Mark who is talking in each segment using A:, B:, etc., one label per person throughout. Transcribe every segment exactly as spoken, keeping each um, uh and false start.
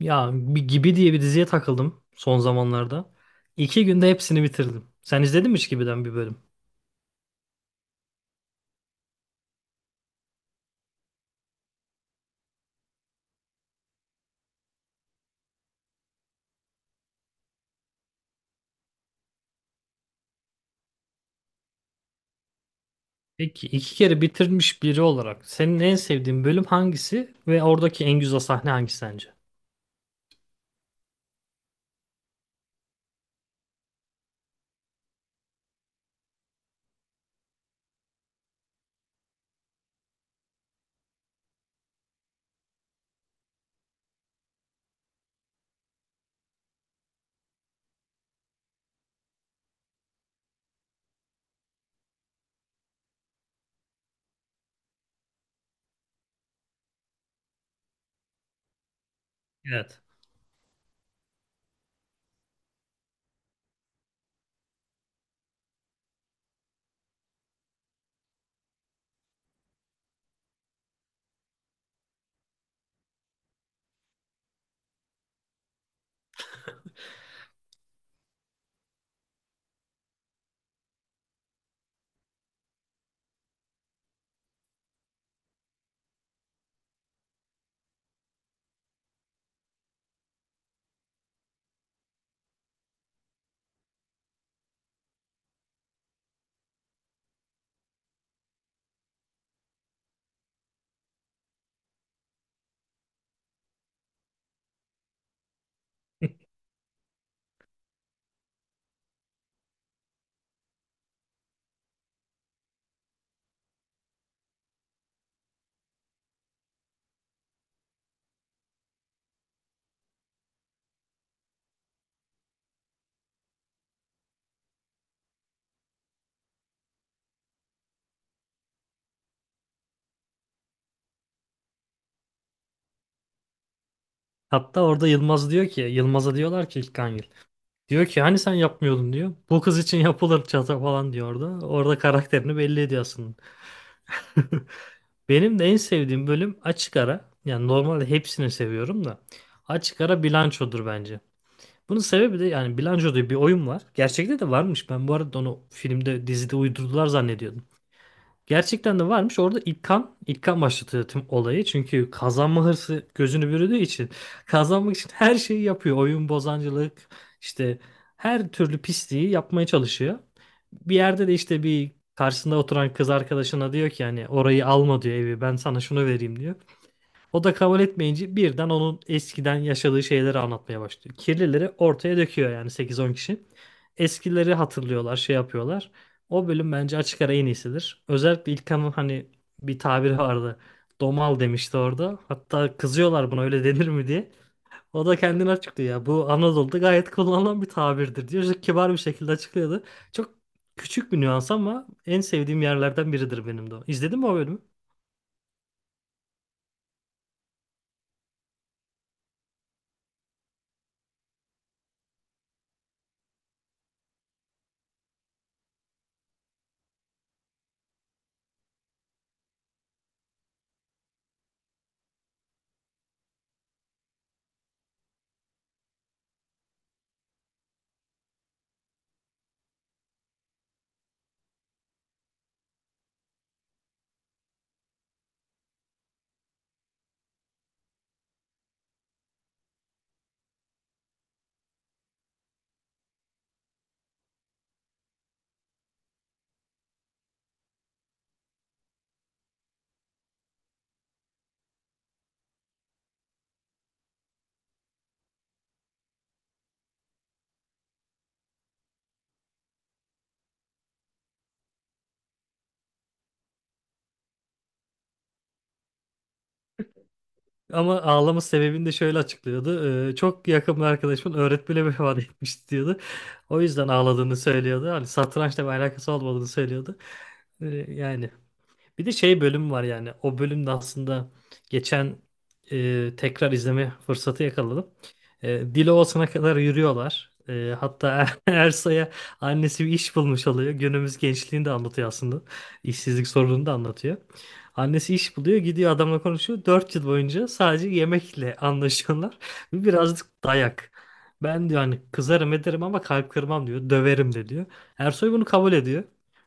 A: Ya bir Gibi diye bir diziye takıldım son zamanlarda. iki günde hepsini bitirdim. Sen izledin mi hiç Gibi'den bir bölüm? Peki iki kere bitirmiş biri olarak senin en sevdiğin bölüm hangisi ve oradaki en güzel sahne hangisi sence? Evet. Hatta orada Yılmaz diyor ki, Yılmaz'a diyorlar ki İlkan Yıl. Diyor ki hani sen yapmıyordun diyor. Bu kız için yapılır çata falan diyor orada. Orada karakterini belli ediyor aslında. Benim de en sevdiğim bölüm açık ara. Yani normalde hepsini seviyorum da. Açık ara bilançodur bence. Bunun sebebi de yani Bilanço diye bir oyun var. Gerçekte de varmış. Ben bu arada onu filmde, dizide uydurdular zannediyordum. Gerçekten de varmış. Orada İlkan, İlkan başlatıyor tüm olayı. Çünkü kazanma hırsı gözünü bürüdüğü için kazanmak için her şeyi yapıyor. Oyun bozancılık, işte her türlü pisliği yapmaya çalışıyor. Bir yerde de işte bir karşısında oturan kız arkadaşına diyor ki yani orayı alma diyor evi ben sana şunu vereyim diyor. O da kabul etmeyince birden onun eskiden yaşadığı şeyleri anlatmaya başlıyor. Kirlileri ortaya döküyor yani sekiz on kişi. Eskileri hatırlıyorlar, şey yapıyorlar. O bölüm bence açık ara en iyisidir. Özellikle İlkan'ın hani bir tabiri vardı. Domal demişti orada. Hatta kızıyorlar buna öyle denir mi diye. O da kendini açıklıyor ya. Bu Anadolu'da gayet kullanılan bir tabirdir diyor. Çok kibar bir şekilde açıklıyordu. Çok küçük bir nüans ama en sevdiğim yerlerden biridir benim de o. İzledin mi o bölümü? Ama ağlama sebebini de şöyle açıklıyordu. Ee, çok yakın bir arkadaşımın öğretmeni vefat etmiş diyordu. O yüzden ağladığını söylüyordu. Hani satrançla bir alakası olmadığını söylüyordu. Ee, yani bir de şey bölüm var yani. O bölümde aslında geçen e, tekrar izleme fırsatı yakaladım. E, Dilovası'na kadar yürüyorlar. E, hatta Ersa'ya annesi bir iş bulmuş oluyor. Günümüz gençliğini de anlatıyor aslında. İşsizlik sorununu da anlatıyor. Annesi iş buluyor, gidiyor adamla konuşuyor. Dört yıl boyunca sadece yemekle anlaşıyorlar. Birazcık dayak. Ben diyor hani kızarım ederim ama kalp kırmam diyor. Döverim de diyor. Ersoy bunu kabul ediyor.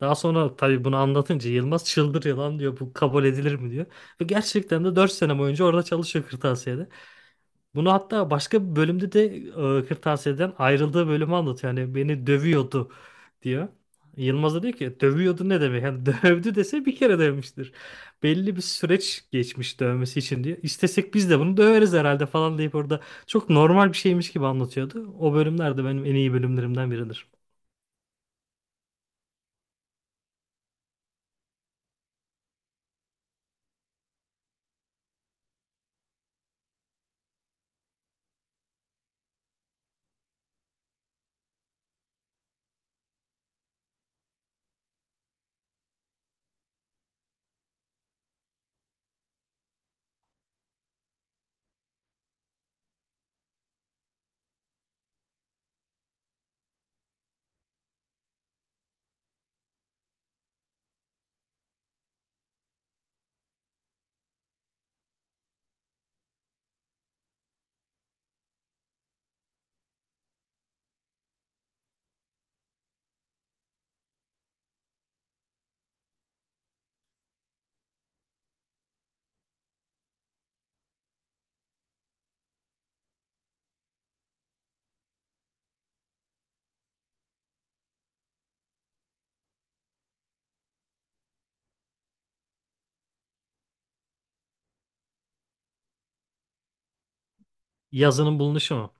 A: Daha sonra tabii bunu anlatınca Yılmaz çıldırıyor lan diyor bu kabul edilir mi diyor. Ve gerçekten de dört sene boyunca orada çalışıyor kırtasiyede. Bunu hatta başka bir bölümde de e, kırtasiyeden ayrıldığı bölümü anlatıyor. Yani beni dövüyordu diyor. Yılmaz da diyor ki dövüyordu ne demek? Yani dövdü dese bir kere dövmüştür. Belli bir süreç geçmiş dövmesi için diyor. İstesek biz de bunu döveriz herhalde falan deyip orada çok normal bir şeymiş gibi anlatıyordu. O bölümler de benim en iyi bölümlerimden biridir. Yazının bulunuşu mu?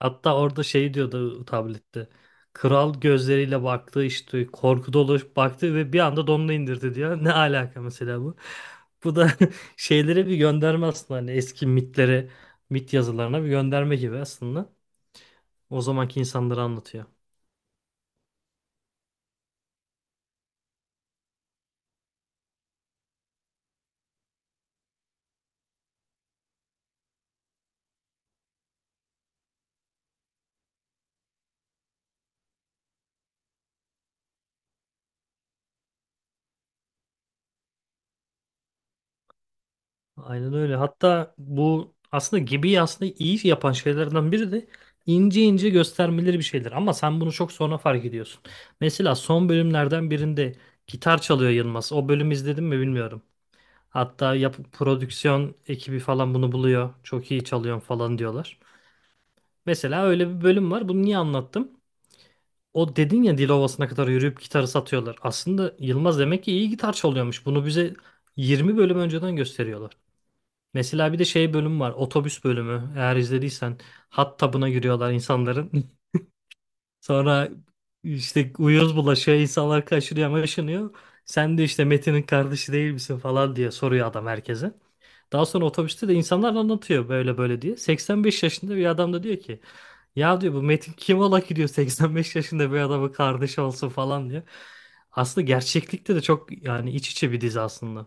A: Hatta orada şey diyordu tablette. Kral gözleriyle baktı işte korku dolu baktı ve bir anda donunu indirdi diyor. Ne alaka mesela bu? Bu da şeylere bir gönderme aslında hani eski mitlere, mit yazılarına bir gönderme gibi aslında. O zamanki insanları anlatıyor. Aynen öyle. Hatta bu aslında gibi aslında iyi yapan şeylerden biri de ince ince göstermeleri bir şeyler. Ama sen bunu çok sonra fark ediyorsun. Mesela son bölümlerden birinde gitar çalıyor Yılmaz. O bölümü izledin mi bilmiyorum. Hatta yap prodüksiyon ekibi falan bunu buluyor. Çok iyi çalıyorsun falan diyorlar. Mesela öyle bir bölüm var. Bunu niye anlattım? O dedin ya Dilovası'na kadar yürüyüp gitarı satıyorlar. Aslında Yılmaz demek ki iyi gitar çalıyormuş. Bunu bize yirmi bölüm önceden gösteriyorlar. Mesela bir de şey bölüm var. Otobüs bölümü. Eğer izlediysen hot tub'ına giriyorlar insanların. Sonra işte uyuz bulaşıyor. İnsanlar kaçırıyor, maşınıyor. Sen de işte Metin'in kardeşi değil misin falan diye soruyor adam herkese. Daha sonra otobüste de insanlar anlatıyor böyle böyle diye. seksen beş yaşında bir adam da diyor ki ya diyor bu Metin kim ola ki diyor seksen beş yaşında bir adamın kardeşi olsun falan diyor. Aslında gerçeklikte de çok yani iç içe bir dizi aslında.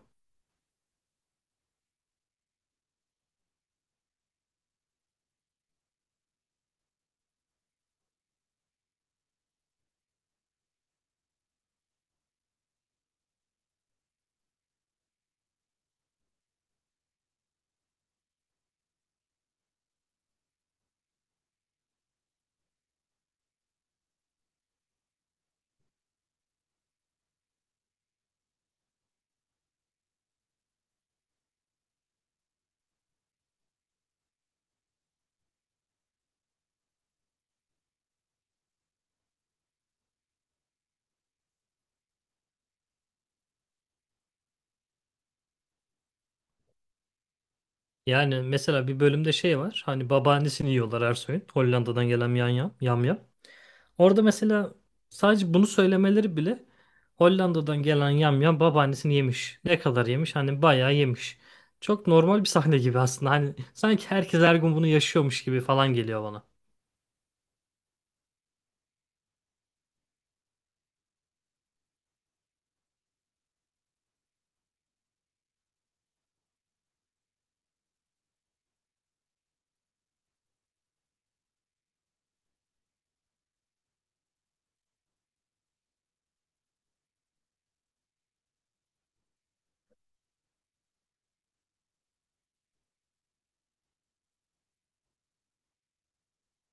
A: Yani mesela bir bölümde şey var. Hani babaannesini yiyorlar Ersoy'un. Hollanda'dan gelen yam yam yam yam. Orada mesela sadece bunu söylemeleri bile Hollanda'dan gelen yamyam babaannesini yemiş. Ne kadar yemiş? Hani bayağı yemiş. Çok normal bir sahne gibi aslında. Hani sanki herkes her gün bunu yaşıyormuş gibi falan geliyor bana.